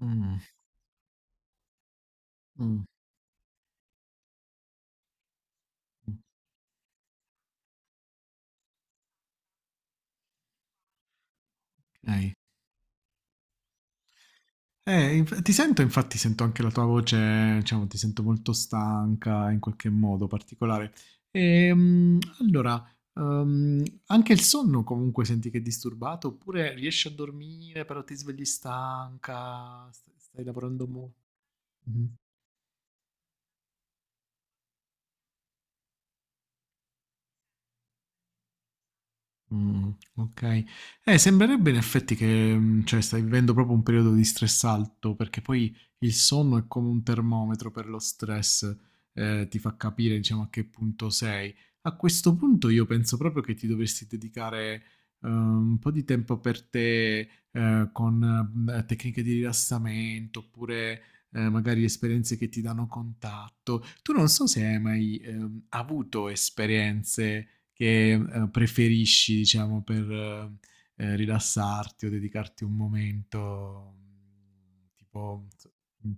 Mh, mh, okay. Inf Ti sento, infatti sento anche la tua voce, diciamo ti sento molto stanca in qualche modo particolare. Allora, anche il sonno comunque senti che è disturbato, oppure riesci a dormire però ti svegli stanca, st stai lavorando mo mh-mh. Mh, okay. Sembrerebbe in effetti che, cioè stai vivendo proprio un periodo di stress alto, perché poi il sonno è come un termometro per lo stress, ti fa capire diciamo a che punto sei. A questo punto io penso proprio che ti dovresti dedicare, un po' di tempo per te, con, tecniche di rilassamento oppure, magari esperienze che ti danno contatto. Tu non so se hai mai, avuto esperienze, che preferisci, diciamo, per rilassarti o dedicarti un momento, tipo... Mh.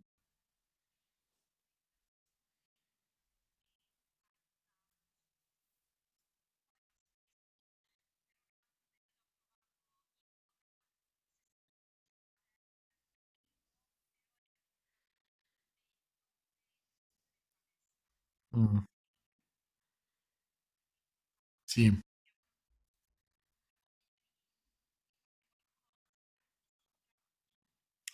Mh. Sì.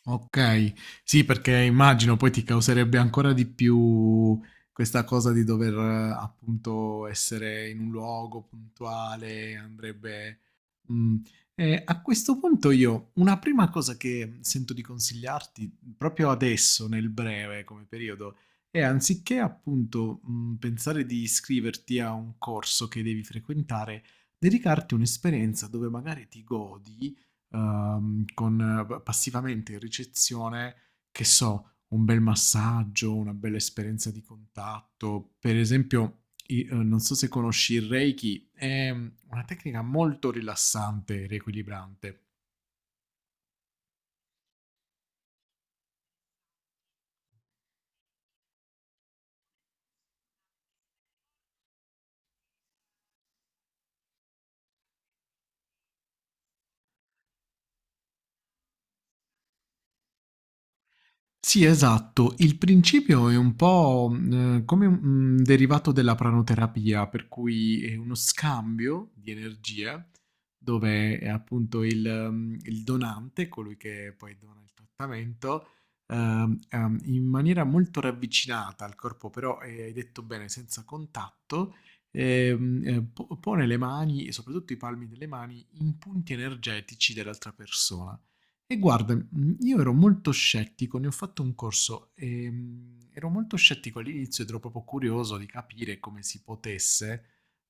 Okay. Sì, perché immagino poi ti causerebbe ancora di più questa cosa di dover appunto essere in un luogo puntuale, andrebbe mhmm, a questo punto io una prima cosa che sento di consigliarti, proprio adesso nel breve come periodo, è anziché appunto, pensare di iscriverti a un corso che devi frequentare, dedicarti un'esperienza dove magari ti godi, con passivamente in ricezione, che so, un bel massaggio, una bella esperienza di contatto. Per esempio, non so se conosci il Reiki, è una tecnica molto rilassante e riequilibrante. Sì, esatto. Il principio è un po', come un derivato della pranoterapia, per cui è uno scambio di energie, dove, appunto il il donante, colui che poi dona il trattamento, in maniera molto ravvicinata al corpo, però, hai detto bene, senza contatto, po pone le mani e soprattutto i palmi delle mani in punti energetici dell'altra persona. E guarda, io ero molto scettico, ne ho fatto un corso, ero molto scettico all'inizio ed ero proprio curioso di capire come si potesse,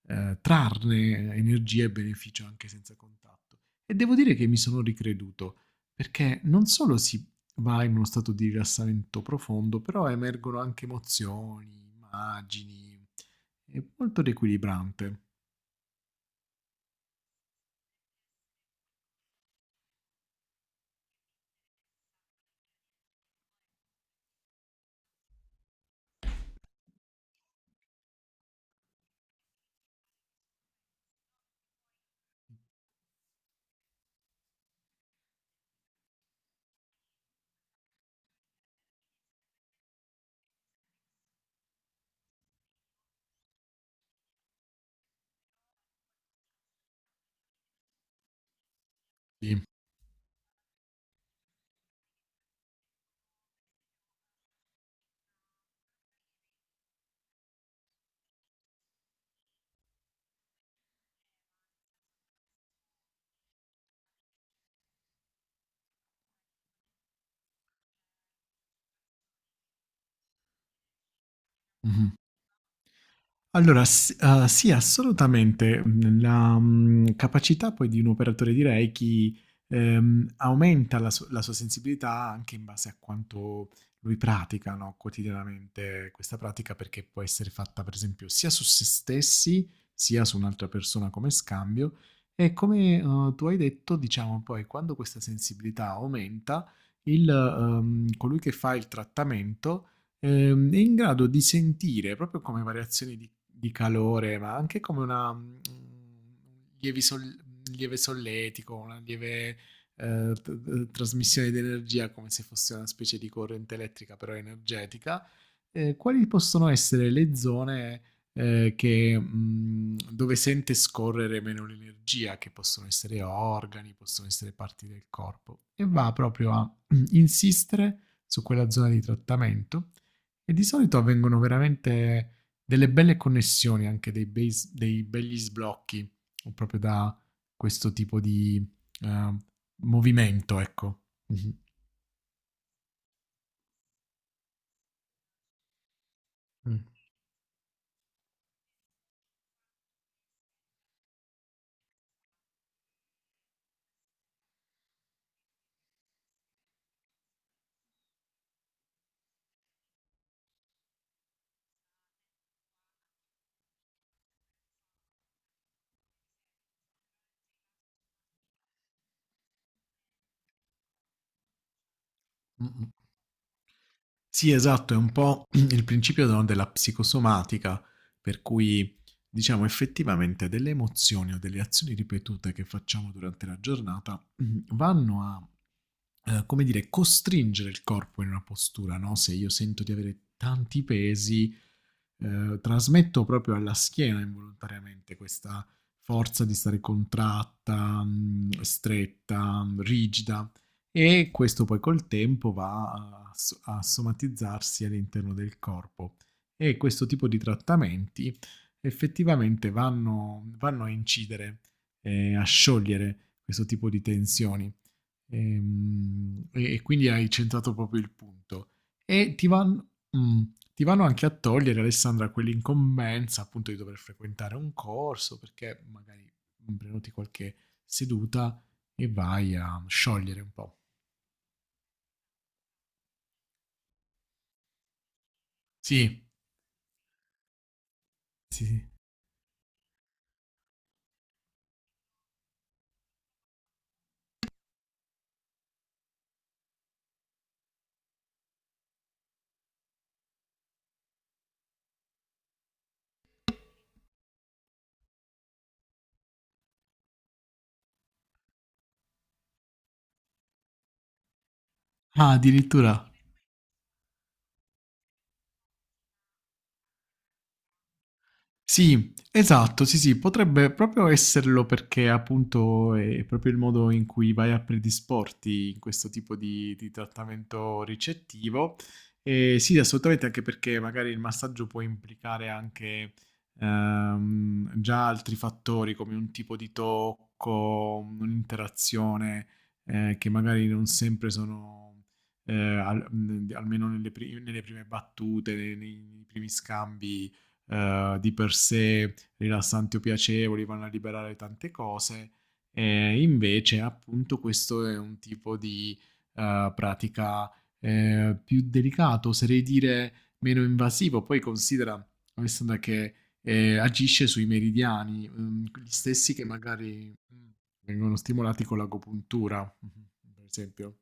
trarne energia e beneficio anche senza contatto. E devo dire che mi sono ricreduto, perché non solo si va in uno stato di rilassamento profondo, però emergono anche emozioni, immagini, è molto riequilibrante. Sì, mh-mh. Allora, sì, assolutamente. La, capacità poi di un operatore di Reiki aumenta la, la sua sensibilità anche in base a quanto lui pratica, no, quotidianamente questa pratica, perché può essere fatta, per esempio, sia su se stessi, sia su un'altra persona come scambio. E come tu hai detto, diciamo poi, quando questa sensibilità aumenta, il, colui che fa il trattamento è in grado di sentire proprio come variazioni di calore, ma anche come una lievi sol- lieve solletico, una lieve trasmissione di energia, come se fosse una specie di corrente elettrica, però energetica. Quali possono essere le zone che, dove sente scorrere meno l'energia, che possono essere organi, possono essere parti del corpo, e va proprio a insistere su quella zona di trattamento e di solito avvengono veramente delle belle connessioni, anche dei, dei begli sblocchi, proprio da questo tipo di eh, movimento, ecco. Mhm. Mm, mm, sì, esatto, è un po' il principio no, della psicosomatica, per cui diciamo effettivamente delle emozioni o delle azioni ripetute che facciamo durante la giornata vanno a, come dire, costringere il corpo in una postura, no? Se io sento di avere tanti pesi, trasmetto proprio alla schiena involontariamente questa forza di stare contratta, stretta, rigida, e questo poi col tempo va a, a somatizzarsi all'interno del corpo e questo tipo di trattamenti effettivamente vanno a incidere, a sciogliere questo tipo di tensioni. E quindi hai centrato proprio il punto e ti vanno, ti vanno anche a togliere, Alessandra, quell'incombenza appunto di dover frequentare un corso perché magari prenoti qualche seduta e vai a sciogliere un po'. Sì, sì, sì. Ah, addirittura. Sì, esatto, sì, sì, potrebbe proprio esserlo perché appunto è proprio il modo in cui vai a predisporti in questo tipo di trattamento ricettivo. E sì, assolutamente, anche perché magari il massaggio può implicare anche già altri fattori come un tipo di tocco, un'interazione che magari non sempre sono, almeno nelle, nelle prime battute, nei primi scambi di per sé rilassanti o piacevoli, vanno a liberare tante cose, e invece appunto questo è un tipo di pratica più delicato, oserei dire meno invasivo, poi considera, Alessandra, che agisce sui meridiani, gli stessi che magari vengono stimolati con l'agopuntura, mhm, per esempio.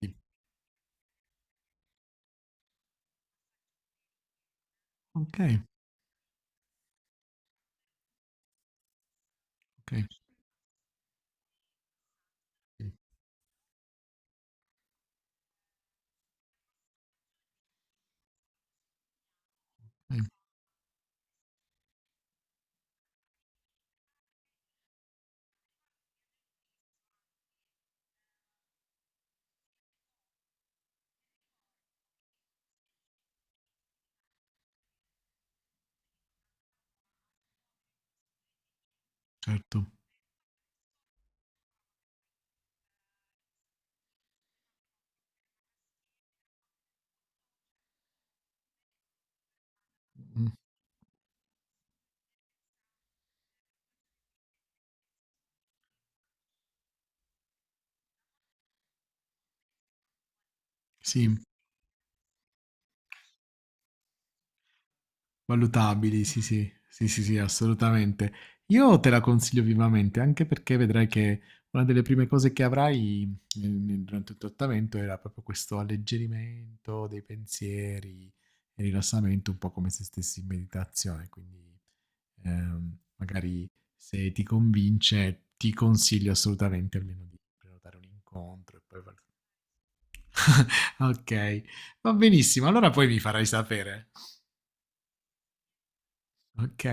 Sì. Ok, ok, sì, eh, certo. Mm, sì, valutabili, sì, sì, sì, sì, sì, assolutamente. Io te la consiglio vivamente, anche perché vedrai che una delle prime cose che avrai durante il trattamento era proprio questo alleggerimento dei pensieri e rilassamento, un po' come se stessi in meditazione. Quindi, magari se ti convince, ti consiglio assolutamente almeno di prenotare un incontro e poi valut- Ok, va benissimo. Allora poi mi farai sapere. Ok.